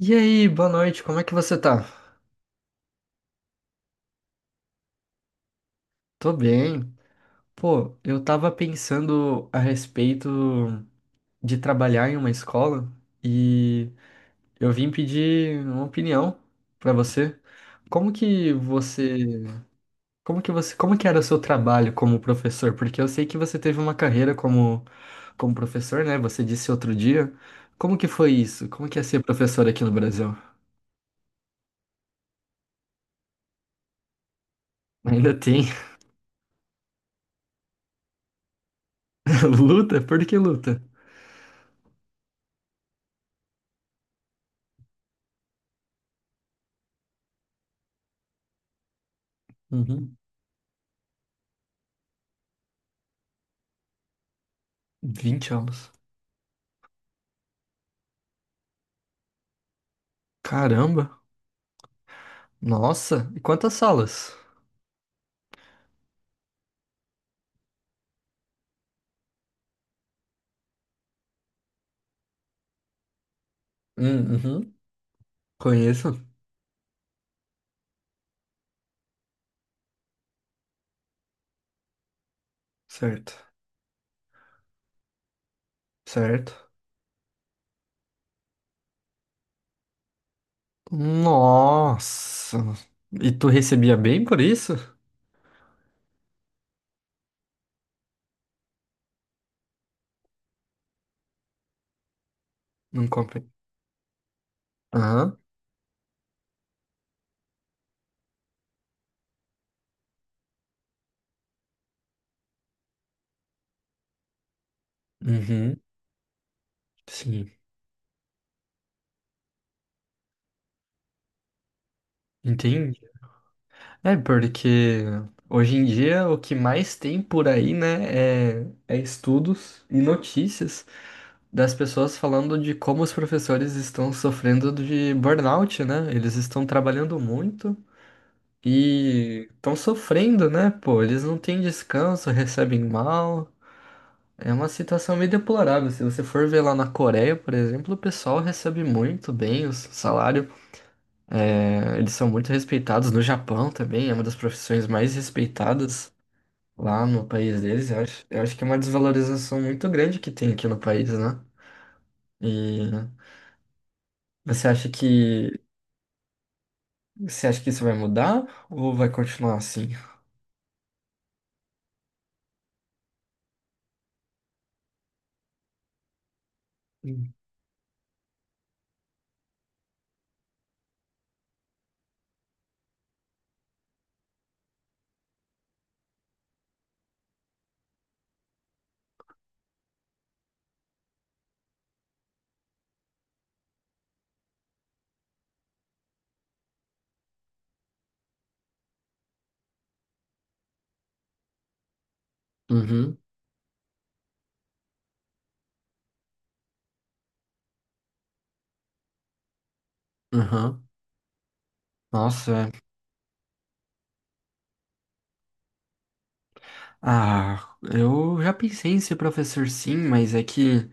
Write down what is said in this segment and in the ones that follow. E aí, boa noite, como é que você tá? Tô bem. Pô, eu tava pensando a respeito de trabalhar em uma escola e eu vim pedir uma opinião pra você. Como que você, como que era o seu trabalho como professor? Porque eu sei que você teve uma carreira como professor, né? Você disse outro dia. Como que foi isso? Como que é ser professor aqui no Brasil? Ainda tem luta? Por que luta? Uhum. 20 anos. Caramba! Nossa! E quantas salas? Uhum. Conheço? Certo, certo. Nossa! E tu recebia bem por isso? Não comprei. Aham. Uhum. Sim. Entendi. É, porque hoje em dia o que mais tem por aí, né, é estudos e notícias das pessoas falando de como os professores estão sofrendo de burnout, né? Eles estão trabalhando muito. E estão sofrendo, né, pô? Eles não têm descanso, recebem mal. É uma situação meio deplorável. Se você for ver lá na Coreia, por exemplo, o pessoal recebe muito bem o salário. É, eles são muito respeitados. No Japão também, é uma das profissões mais respeitadas lá no país deles. Eu acho que é uma desvalorização muito grande que tem aqui no país, né? E você acha que, você acha que isso vai mudar ou vai continuar assim? Uhum, uhum. Nossa, é. Ah, eu já pensei em ser professor sim, mas é que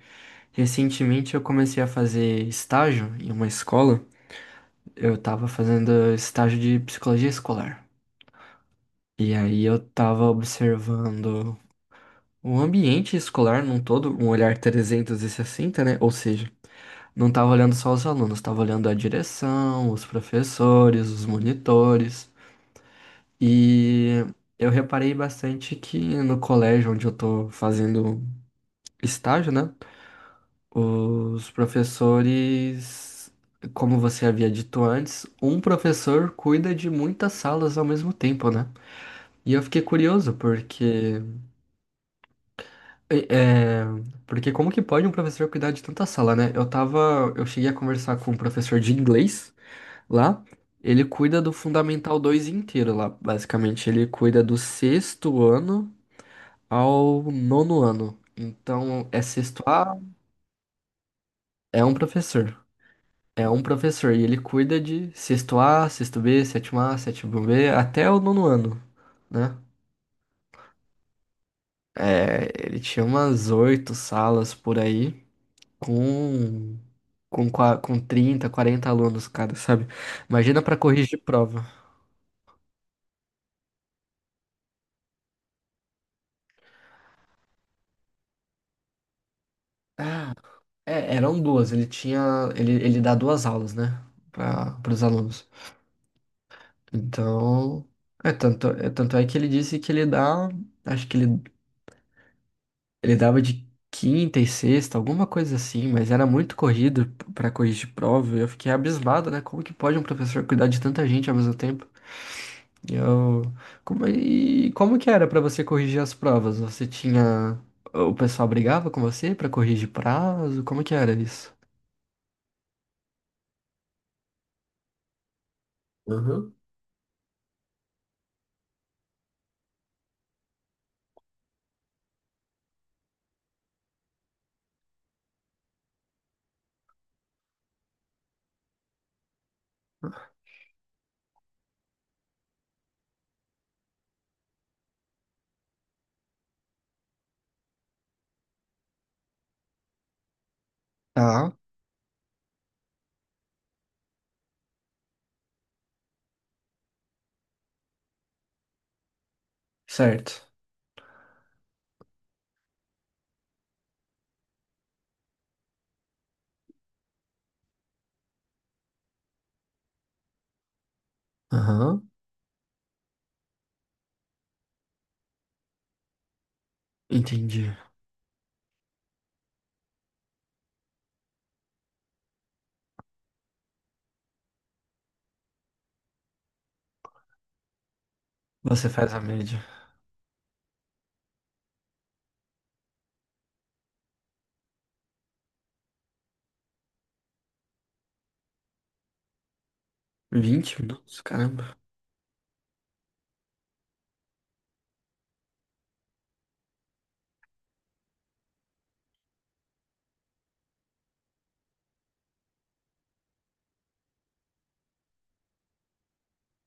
recentemente eu comecei a fazer estágio em uma escola. Eu tava fazendo estágio de psicologia escolar. E aí eu tava observando o ambiente escolar num todo, um olhar 360, né? Ou seja, não tava olhando só os alunos, tava olhando a direção, os professores, os monitores. E eu reparei bastante que no colégio onde eu tô fazendo estágio, né? Os professores, como você havia dito antes, um professor cuida de muitas salas ao mesmo tempo, né? E eu fiquei curioso porque é, porque como que pode um professor cuidar de tanta sala, né? Eu cheguei a conversar com um professor de inglês lá, ele cuida do Fundamental 2 inteiro lá, basicamente, ele cuida do sexto ano ao nono ano. Então, é sexto A, é um professor. É um professor e ele cuida de sexto A, sexto B, sétimo A, sétimo B, até o nono ano, né? É, ele tinha umas oito salas por aí, com, com 30, 40 alunos, cara, sabe? Imagina pra corrigir prova. Ah, é, eram duas, ele dá duas aulas, né, para os alunos. Então, é tanto é que ele disse que ele dá, acho que ele dava de quinta e sexta, alguma coisa assim, mas era muito corrido para corrigir prova. E eu fiquei abismado, né? Como que pode um professor cuidar de tanta gente ao mesmo tempo? E eu... Como... E como que era para você corrigir as provas? Você tinha... O pessoal brigava com você para corrigir prazo? Como que era isso? Aham. Tá. Certo. Aham. Entendi. Você faz a média. 20 minutos, caramba.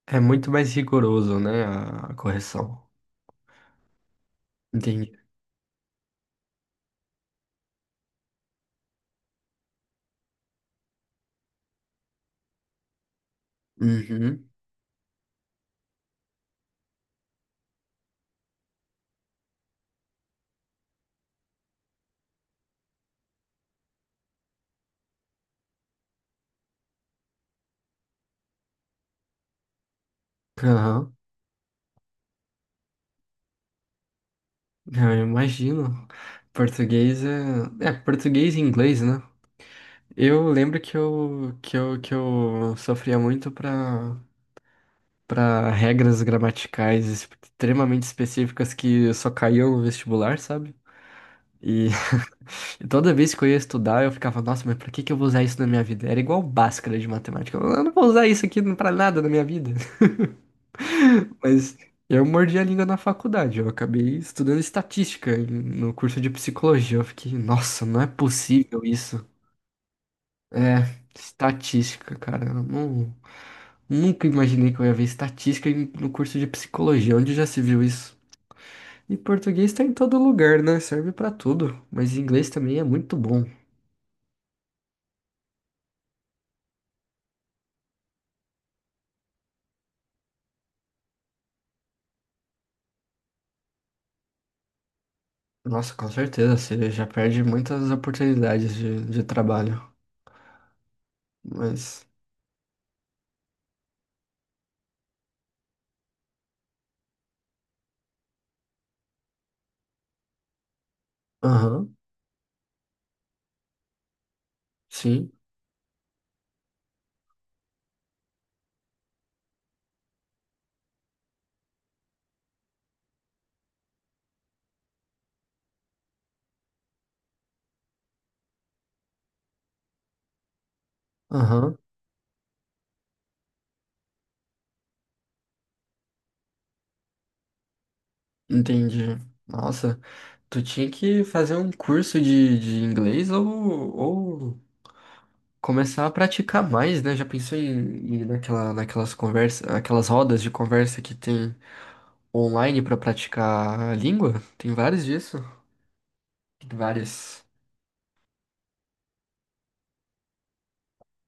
É muito mais rigoroso, né? A correção. Entendi. Uhum. Aham. Ah, eu imagino. Português é... É, português e inglês, né? Eu lembro que eu sofria muito para para regras gramaticais extremamente específicas que só caíam no vestibular, sabe? E e toda vez que eu ia estudar, eu ficava, nossa, mas pra que que eu vou usar isso na minha vida? Era igual Bhaskara de matemática. Eu não vou usar isso aqui pra nada na minha vida. Mas eu mordi a língua na faculdade. Eu acabei estudando estatística em- no curso de psicologia. Eu fiquei, nossa, não é possível isso. É, estatística, cara. Eu não, nunca imaginei que eu ia ver estatística em- no curso de psicologia. Onde já se viu isso? E português tá em todo lugar, né? Serve pra tudo. Mas inglês também é muito bom. Nossa, com certeza. Você já perde muitas oportunidades de trabalho. Mas, aham, sim, aham, entendi. Nossa. Tu tinha que fazer um curso de inglês ou começar a praticar mais, né? Já pensou em ir naquelas conversas, aquelas rodas de conversa que tem online pra praticar a língua? Tem vários disso. Tem várias.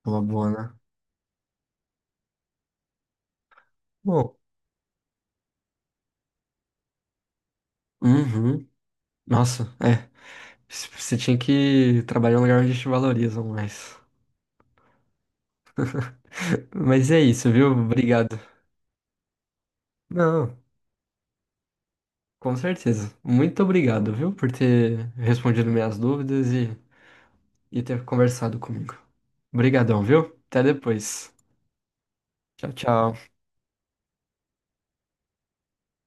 É uma boa, né? Bom, uhum. Nossa, é. C- Você tinha que trabalhar em um lugar onde te valorizam mais. Mas é isso, viu? Obrigado. Não, com certeza. Muito obrigado, viu, por ter respondido minhas dúvidas e ter conversado comigo. Obrigadão, viu? Até depois. Tchau, tchau.